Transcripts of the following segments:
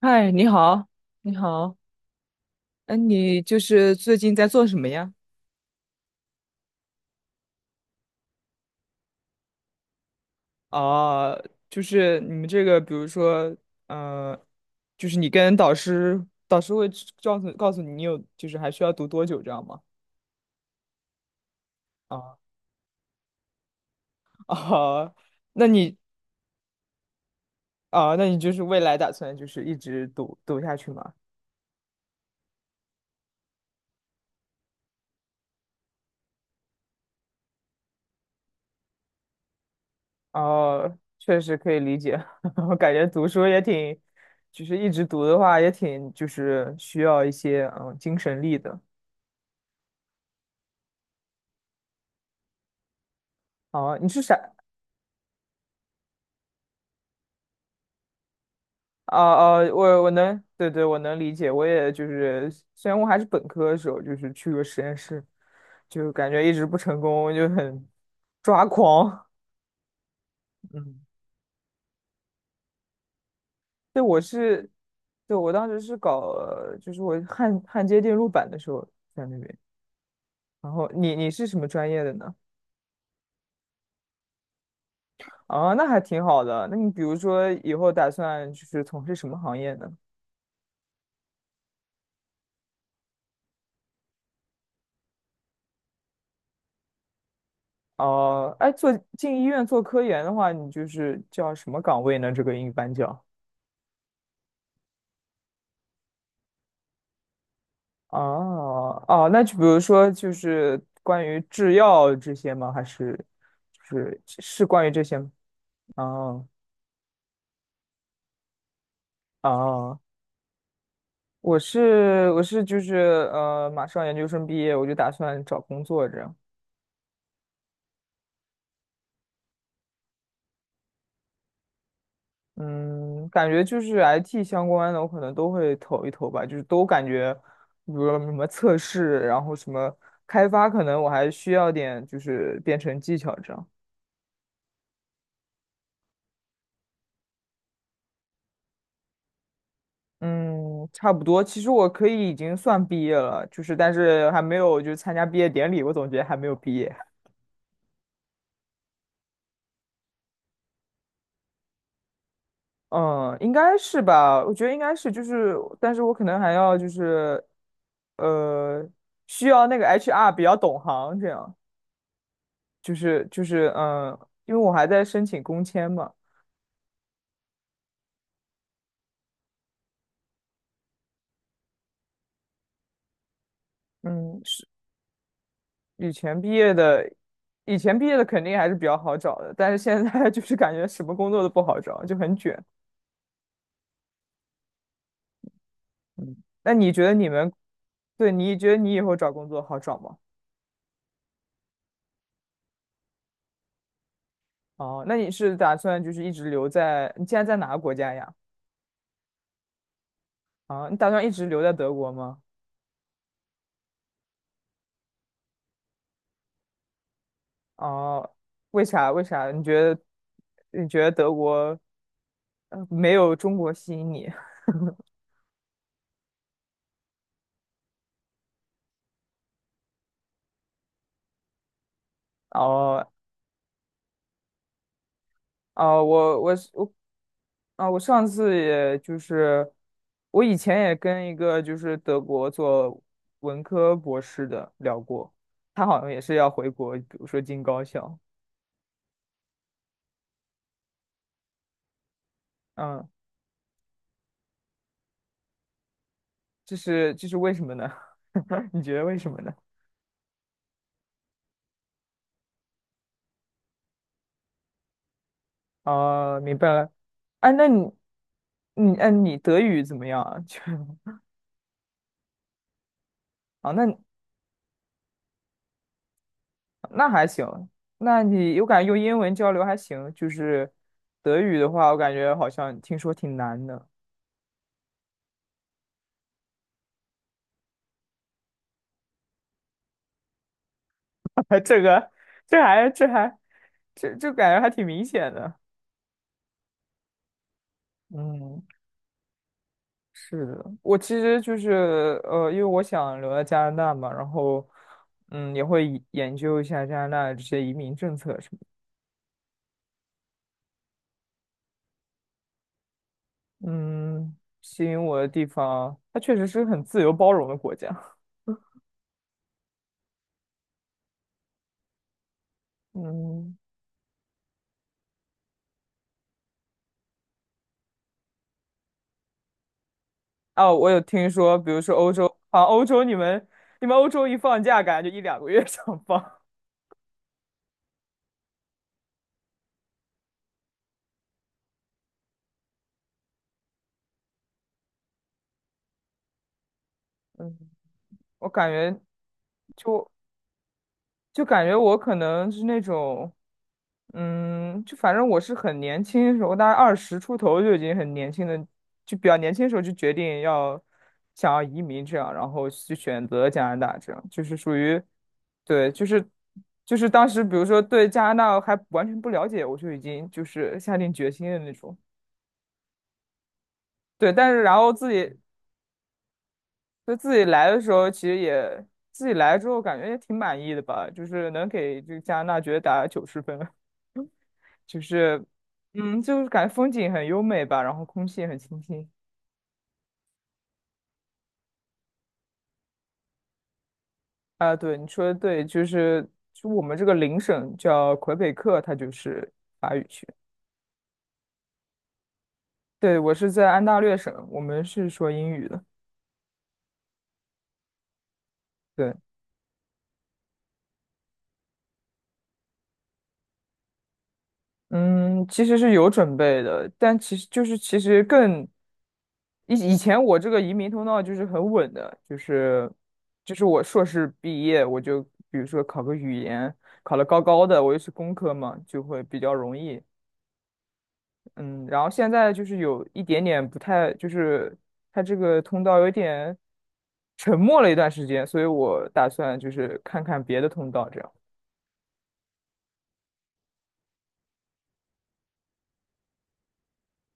嗨，你好，你好。哎，你就是最近在做什么呀？哦，就是你们这个，比如说，嗯，就是你跟导师会知告诉告诉你，你有就是还需要读多久这样吗？啊啊。那你那你就是未来打算就是一直读读下去吗？哦，确实可以理解，我感觉读书也挺，就是一直读的话也挺就是需要一些精神力的。哦，你是啥？啊啊，我能，对对，我能理解。我也就是，虽然我还是本科的时候，就是去过实验室，就感觉一直不成功，就很抓狂。嗯，对，我是，对，我当时是搞，就是我焊接电路板的时候在那边。然后你是什么专业的呢？啊，那还挺好的。那你比如说以后打算就是从事什么行业呢？哦、哎，进医院做科研的话，你就是叫什么岗位呢？这个英语班叫。哦哦，那就比如说，就是关于制药这些吗？还是就是关于这些吗？哦哦，我是就是马上研究生毕业，我就打算找工作这样。嗯，感觉就是 IT 相关的，我可能都会投一投吧，就是都感觉，比如说什么测试，然后什么开发，可能我还需要点就是编程技巧这样。嗯，差不多。其实我可以已经算毕业了，就是但是还没有就参加毕业典礼，我总觉得还没有毕业。嗯，应该是吧？我觉得应该是，就是但是我可能还要就是，呃，需要那个 HR 比较懂行，这样就是因为我还在申请工签嘛。嗯，是以前毕业的，以前毕业的肯定还是比较好找的，但是现在 就是感觉什么工作都不好找，就很卷。嗯，那你觉得你们？对，你觉得你以后找工作好找吗？哦，那你是打算就是一直留在，你现在在哪个国家呀？啊，你打算一直留在德国吗？哦，为啥？为啥？你觉得德国没有中国吸引你？哦哦，我啊，我以前也跟一个就是德国做文科博士的聊过，他好像也是要回国，比如说进高校。嗯。这是为什么呢？你觉得为什么呢？哦，明白了。哎，那你哎，你德语怎么样啊？那还行。我感觉用英文交流还行，就是德语的话，我感觉好像听说挺难的。这个这还这还这感觉还挺明显的。嗯，是的，我其实就是因为我想留在加拿大嘛，然后嗯，也会以研究一下加拿大的这些移民政策什么的。嗯，吸引我的地方，它确实是很自由包容的国家。嗯，哦，我有听说，比如说欧洲，你们欧洲一放假，感觉就一两个月 想放。嗯，我感觉。就。就感觉我可能是那种，嗯，就反正我是很年轻的时候，大概二十出头就已经很年轻的，就比较年轻的时候就决定想要移民这样，然后去选择加拿大这样，就是属于，对，就是当时比如说对加拿大还完全不了解，我就已经就是下定决心的那种。对，但是然后自己来的时候，其实也自己来之后感觉也挺满意的吧，就是能给这个加拿大觉得打90分。就是，嗯，就是感觉风景很优美吧，然后空气也很清新。啊，对，你说的对，就我们这个邻省叫魁北克，它就是法语区。对，我是在安大略省，我们是说英语的。对，嗯，其实是有准备的，但其实就是其实更以以前我这个移民通道就是很稳的，就是我硕士毕业，我就比如说考个语言，考了高高的，我又是工科嘛，就会比较容易。嗯，然后现在就是有一点点不太，就是它这个通道有点沉默了一段时间，所以我打算就是看看别的通道，这样。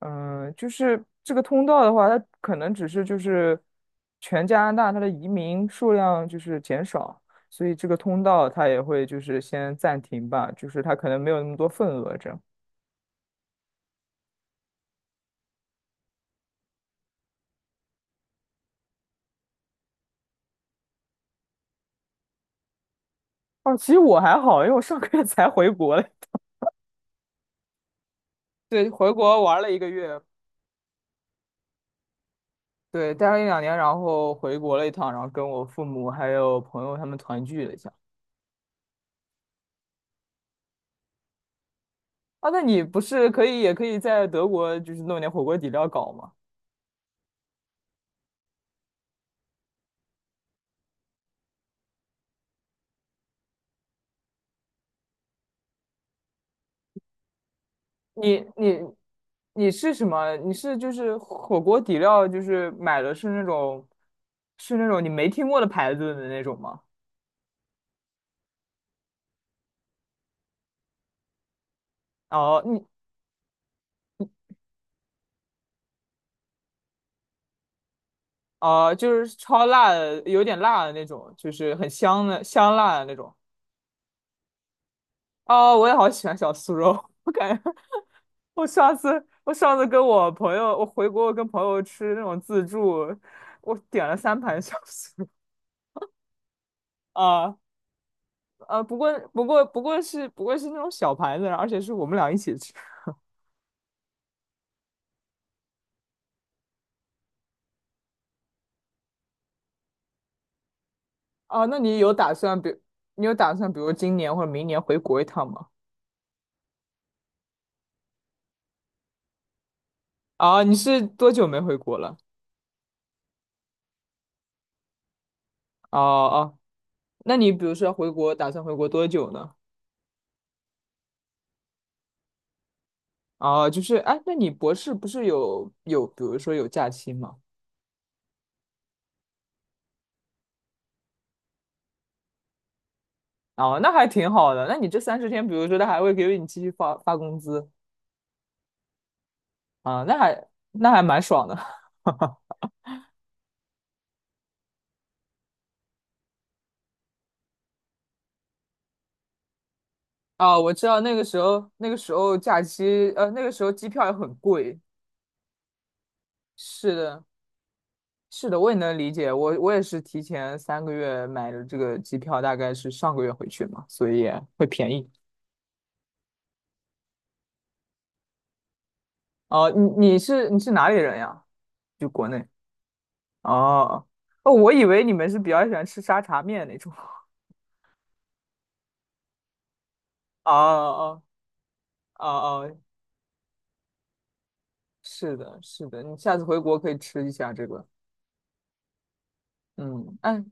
嗯，就是这个通道的话，它可能只是就是全加拿大它的移民数量就是减少，所以这个通道它也会就是先暂停吧，就是它可能没有那么多份额这样。哦，其实我还好，因为我上个月才回国嘞。对，回国玩了一个月。对，待了一两年，然后回国了一趟，然后跟我父母还有朋友他们团聚了一下。啊，那你不是可以也可以在德国就是弄点火锅底料搞吗？你你你是什么？你是就是火锅底料，就是买的是是那种你没听过的牌子的那种吗？哦，你哦，就是超辣的，有点辣的那种，就是很香的香辣的那种。哦，我也好喜欢小酥肉，我感觉我上次跟我朋友，我回国跟朋友吃那种自助，我点了3盘小酥肉。啊啊，不过是那种小盘子，而且是我们俩一起吃啊。那你有打算比你有打算比如今年或者明年回国一趟吗？啊，你是多久没回国了？哦哦，那你比如说回国，打算回国多久呢？哦，就是哎，那你博士不是有比如说有假期吗？哦，那还挺好的。那你这30天，比如说他还会给你继续发工资？啊，那还蛮爽的。啊，我知道那个时候，那个时候假期，那个时候机票也很贵。是的，是的，我也能理解。我我也是提前3个月买的这个机票，大概是上个月回去嘛，所以也会便宜。哦，你是你是哪里人呀？就国内。哦哦，哦我以为你们是比较喜欢吃沙茶面那种。哦哦哦哦，是的，是的，你下次回国可以吃一下这个。嗯，哎，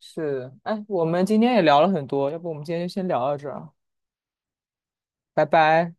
是的，哎，我们今天也聊了很多，要不我们今天就先聊到这儿啊。拜拜。